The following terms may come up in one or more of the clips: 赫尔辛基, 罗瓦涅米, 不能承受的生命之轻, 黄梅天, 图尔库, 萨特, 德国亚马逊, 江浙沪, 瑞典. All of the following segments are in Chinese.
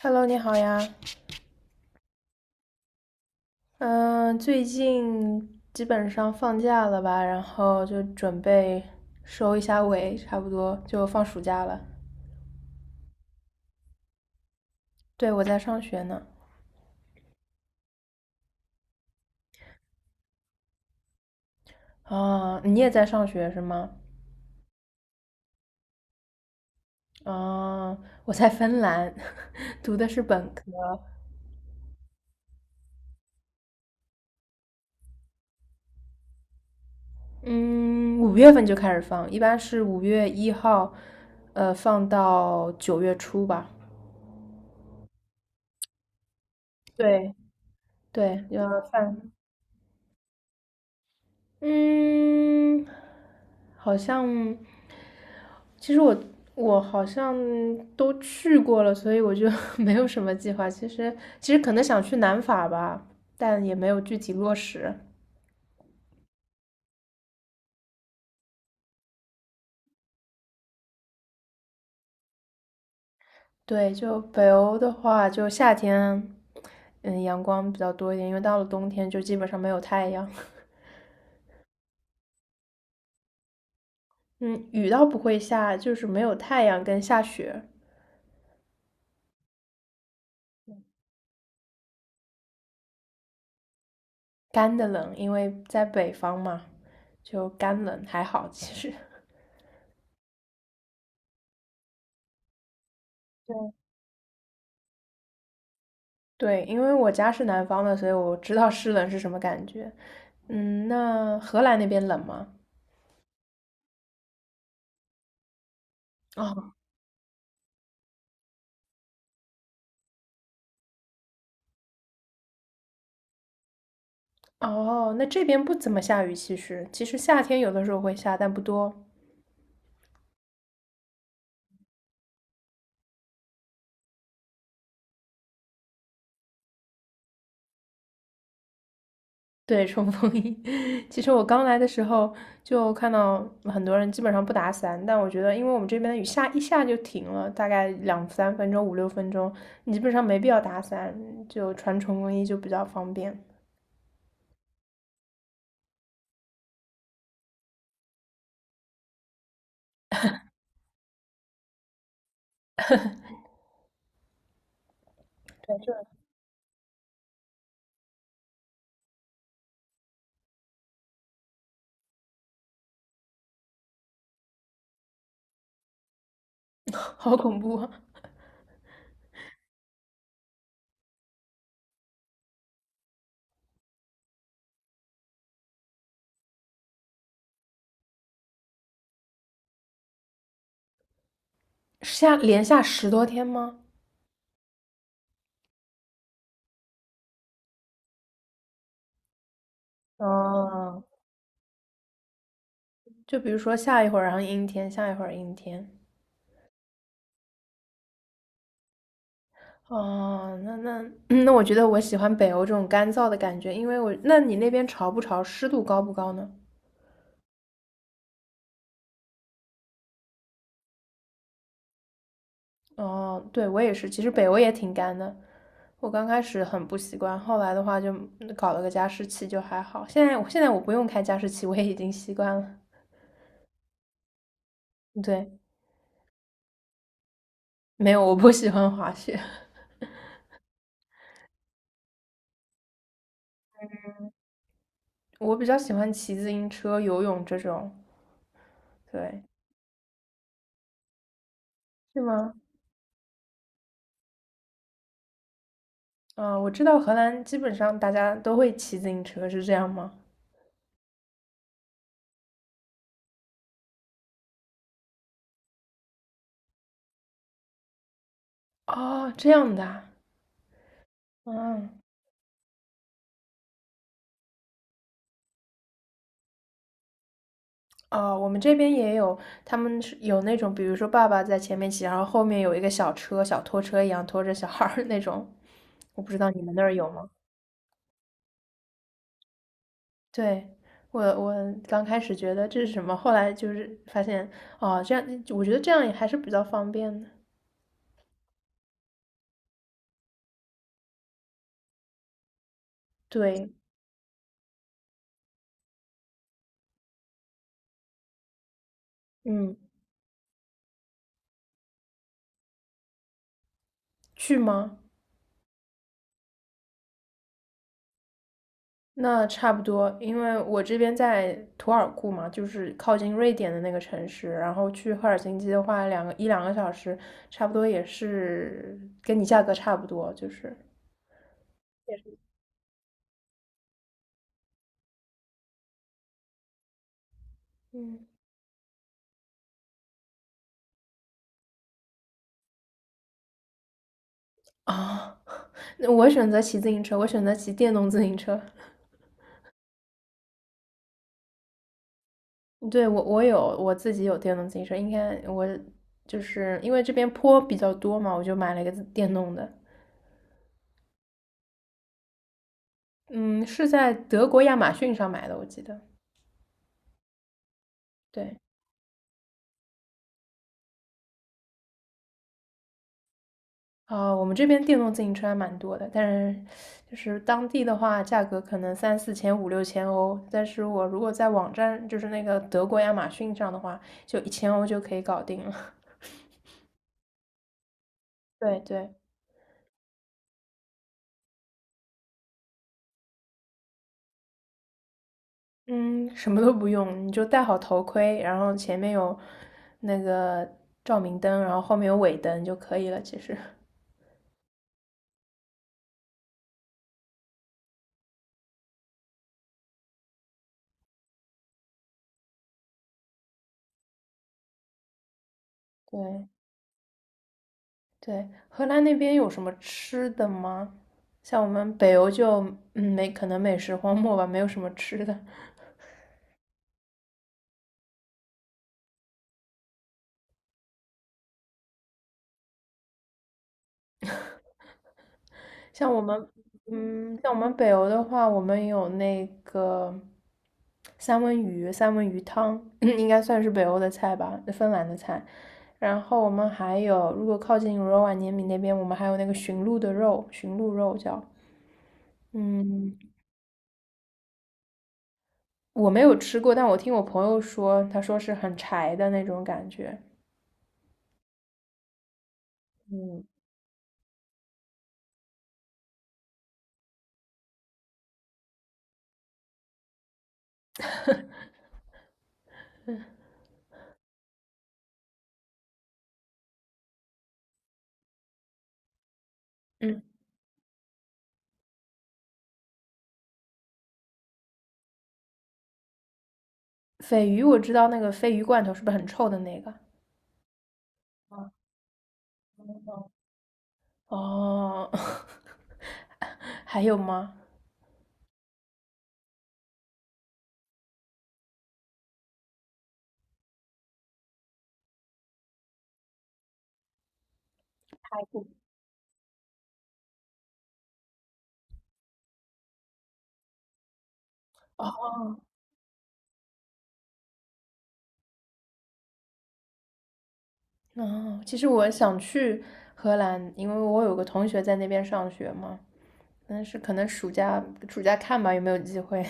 Hello，你好呀。嗯，最近基本上放假了吧，然后就准备收一下尾，差不多就放暑假了。对，我在上学呢。啊，你也在上学是吗？啊，我在芬兰，读的是本科。嗯，5月份就开始放，一般是5月1号，放到9月初吧。对对，要放。嗯，好像，其实我好像都去过了，所以我就 没有什么计划。其实可能想去南法吧，但也没有具体落实。对，就北欧的话，就夏天，阳光比较多一点，因为到了冬天就基本上没有太阳。嗯，雨倒不会下，就是没有太阳跟下雪，干的冷，因为在北方嘛，就干冷还好其实。对，因为我家是南方的，所以我知道湿冷是什么感觉。嗯，那荷兰那边冷吗？哦哦，那这边不怎么下雨，其实夏天有的时候会下，但不多。对，冲锋衣。其实我刚来的时候就看到很多人基本上不打伞，但我觉得，因为我们这边的雨下一下就停了，大概两三分钟、五六分钟，你基本上没必要打伞，就穿冲锋衣就比较方便。对，好恐怖啊！连下10多天吗？哦，就比如说下一会儿，然后阴天，下一会儿阴天。哦，那 那，我觉得我喜欢北欧这种干燥的感觉，因为我，那你那边潮不潮，湿度高不高呢？哦，对，我也是，其实北欧也挺干的，我刚开始很不习惯，后来的话就搞了个加湿器就还好。现在我不用开加湿器，我也已经习惯了。对，没有，我不喜欢滑雪，我比较喜欢骑自行车、游泳这种。对，是吗？啊，我知道荷兰基本上大家都会骑自行车，是这样吗？哦，这样的啊嗯，哦，我们这边也有，他们是有那种，比如说爸爸在前面骑，然后后面有一个小车，小拖车一样拖着小孩儿那种，我不知道你们那儿有吗？对，我刚开始觉得这是什么，后来就是发现，哦，这样，我觉得这样也还是比较方便的。对，嗯，去吗？那差不多，因为我这边在图尔库嘛，就是靠近瑞典的那个城市，然后去赫尔辛基的话，一两个小时，差不多也是跟你价格差不多，就是嗯，啊，那我选择骑自行车，我选择骑电动自行车。对，我自己有电动自行车，应该我就是因为这边坡比较多嘛，我就买了一个自电动的，嗯，是在德国亚马逊上买的，我记得，对。啊，我们这边电动自行车还蛮多的，但是就是当地的话，价格可能三四千、五六千欧。但是我如果在网站，就是那个德国亚马逊上的话，就一千欧就可以搞定了。对对，嗯，什么都不用，你就戴好头盔，然后前面有那个照明灯，然后后面有尾灯就可以了。其实，对对，荷兰那边有什么吃的吗？像我们北欧就没可能美食荒漠吧，没有什么吃的。像我们，像我们北欧的话，我们有那个三文鱼，三文鱼汤，应该算是北欧的菜吧，芬兰的菜。然后我们还有，如果靠近罗瓦涅米那边，我们还有那个驯鹿的肉，驯鹿肉叫，嗯，我没有吃过，但我听我朋友说，他说是很柴的那种感觉。嗯，嗯，鲱鱼我知道那个鲱鱼罐头是不是很臭的那个？啊，哦，还有吗？哦，那其实我想去荷兰，因为我有个同学在那边上学嘛，但是可能暑假看吧，有没有机会。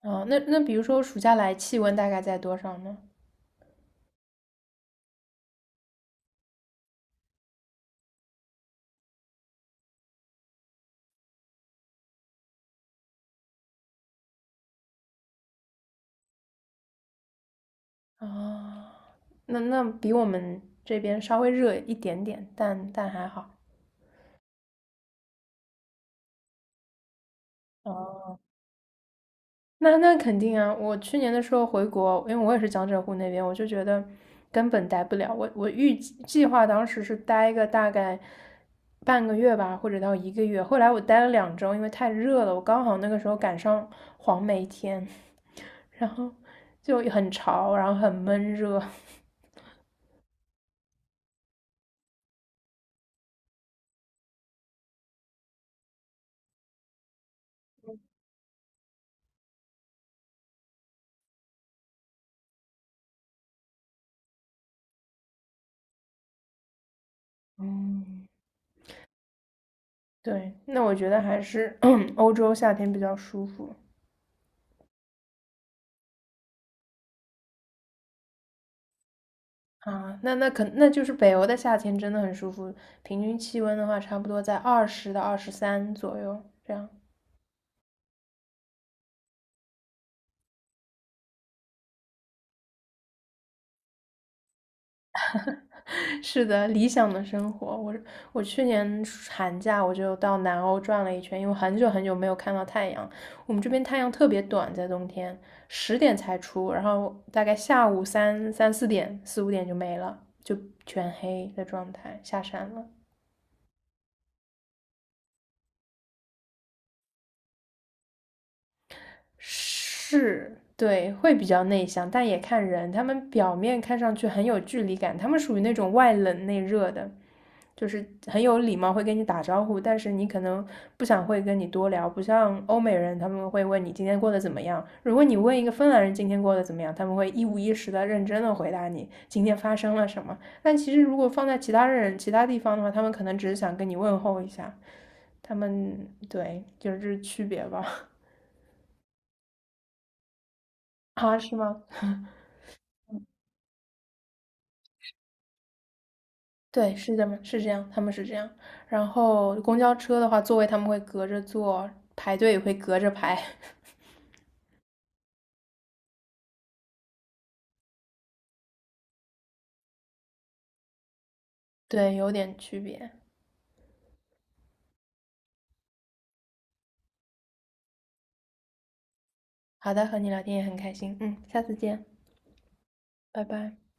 啊、那比如说暑假来，气温大概在多少呢？啊、那比我们这边稍微热一点点，但还好。哦那肯定啊！我去年的时候回国，因为我也是江浙沪那边，我就觉得根本待不了。我预计计划当时是待个大概半个月吧，或者到一个月。后来我待了两周，因为太热了，我刚好那个时候赶上黄梅天，然后就很潮，然后很闷热。嗯，对，那我觉得还是 欧洲夏天比较舒服。啊，那就是北欧的夏天真的很舒服，平均气温的话，差不多在20到23左右这样。是的，理想的生活。我去年寒假我就到南欧转了一圈，因为很久很久没有看到太阳。我们这边太阳特别短，在冬天10点才出，然后大概下午三四点四五点就没了，就全黑的状态，下山了。是，对，会比较内向，但也看人。他们表面看上去很有距离感，他们属于那种外冷内热的，就是很有礼貌，会跟你打招呼，但是你可能不想会跟你多聊。不像欧美人，他们会问你今天过得怎么样。如果你问一个芬兰人今天过得怎么样，他们会一五一十的认真的回答你今天发生了什么。但其实如果放在其他人其他地方的话，他们可能只是想跟你问候一下。他们对，就是这是区别吧？啊，是吗？对，是这么是这样，他们是这样。然后公交车的话，座位他们会隔着坐，排队也会隔着排，对，有点区别。好的，和你聊天也很开心，嗯，下次见，拜拜。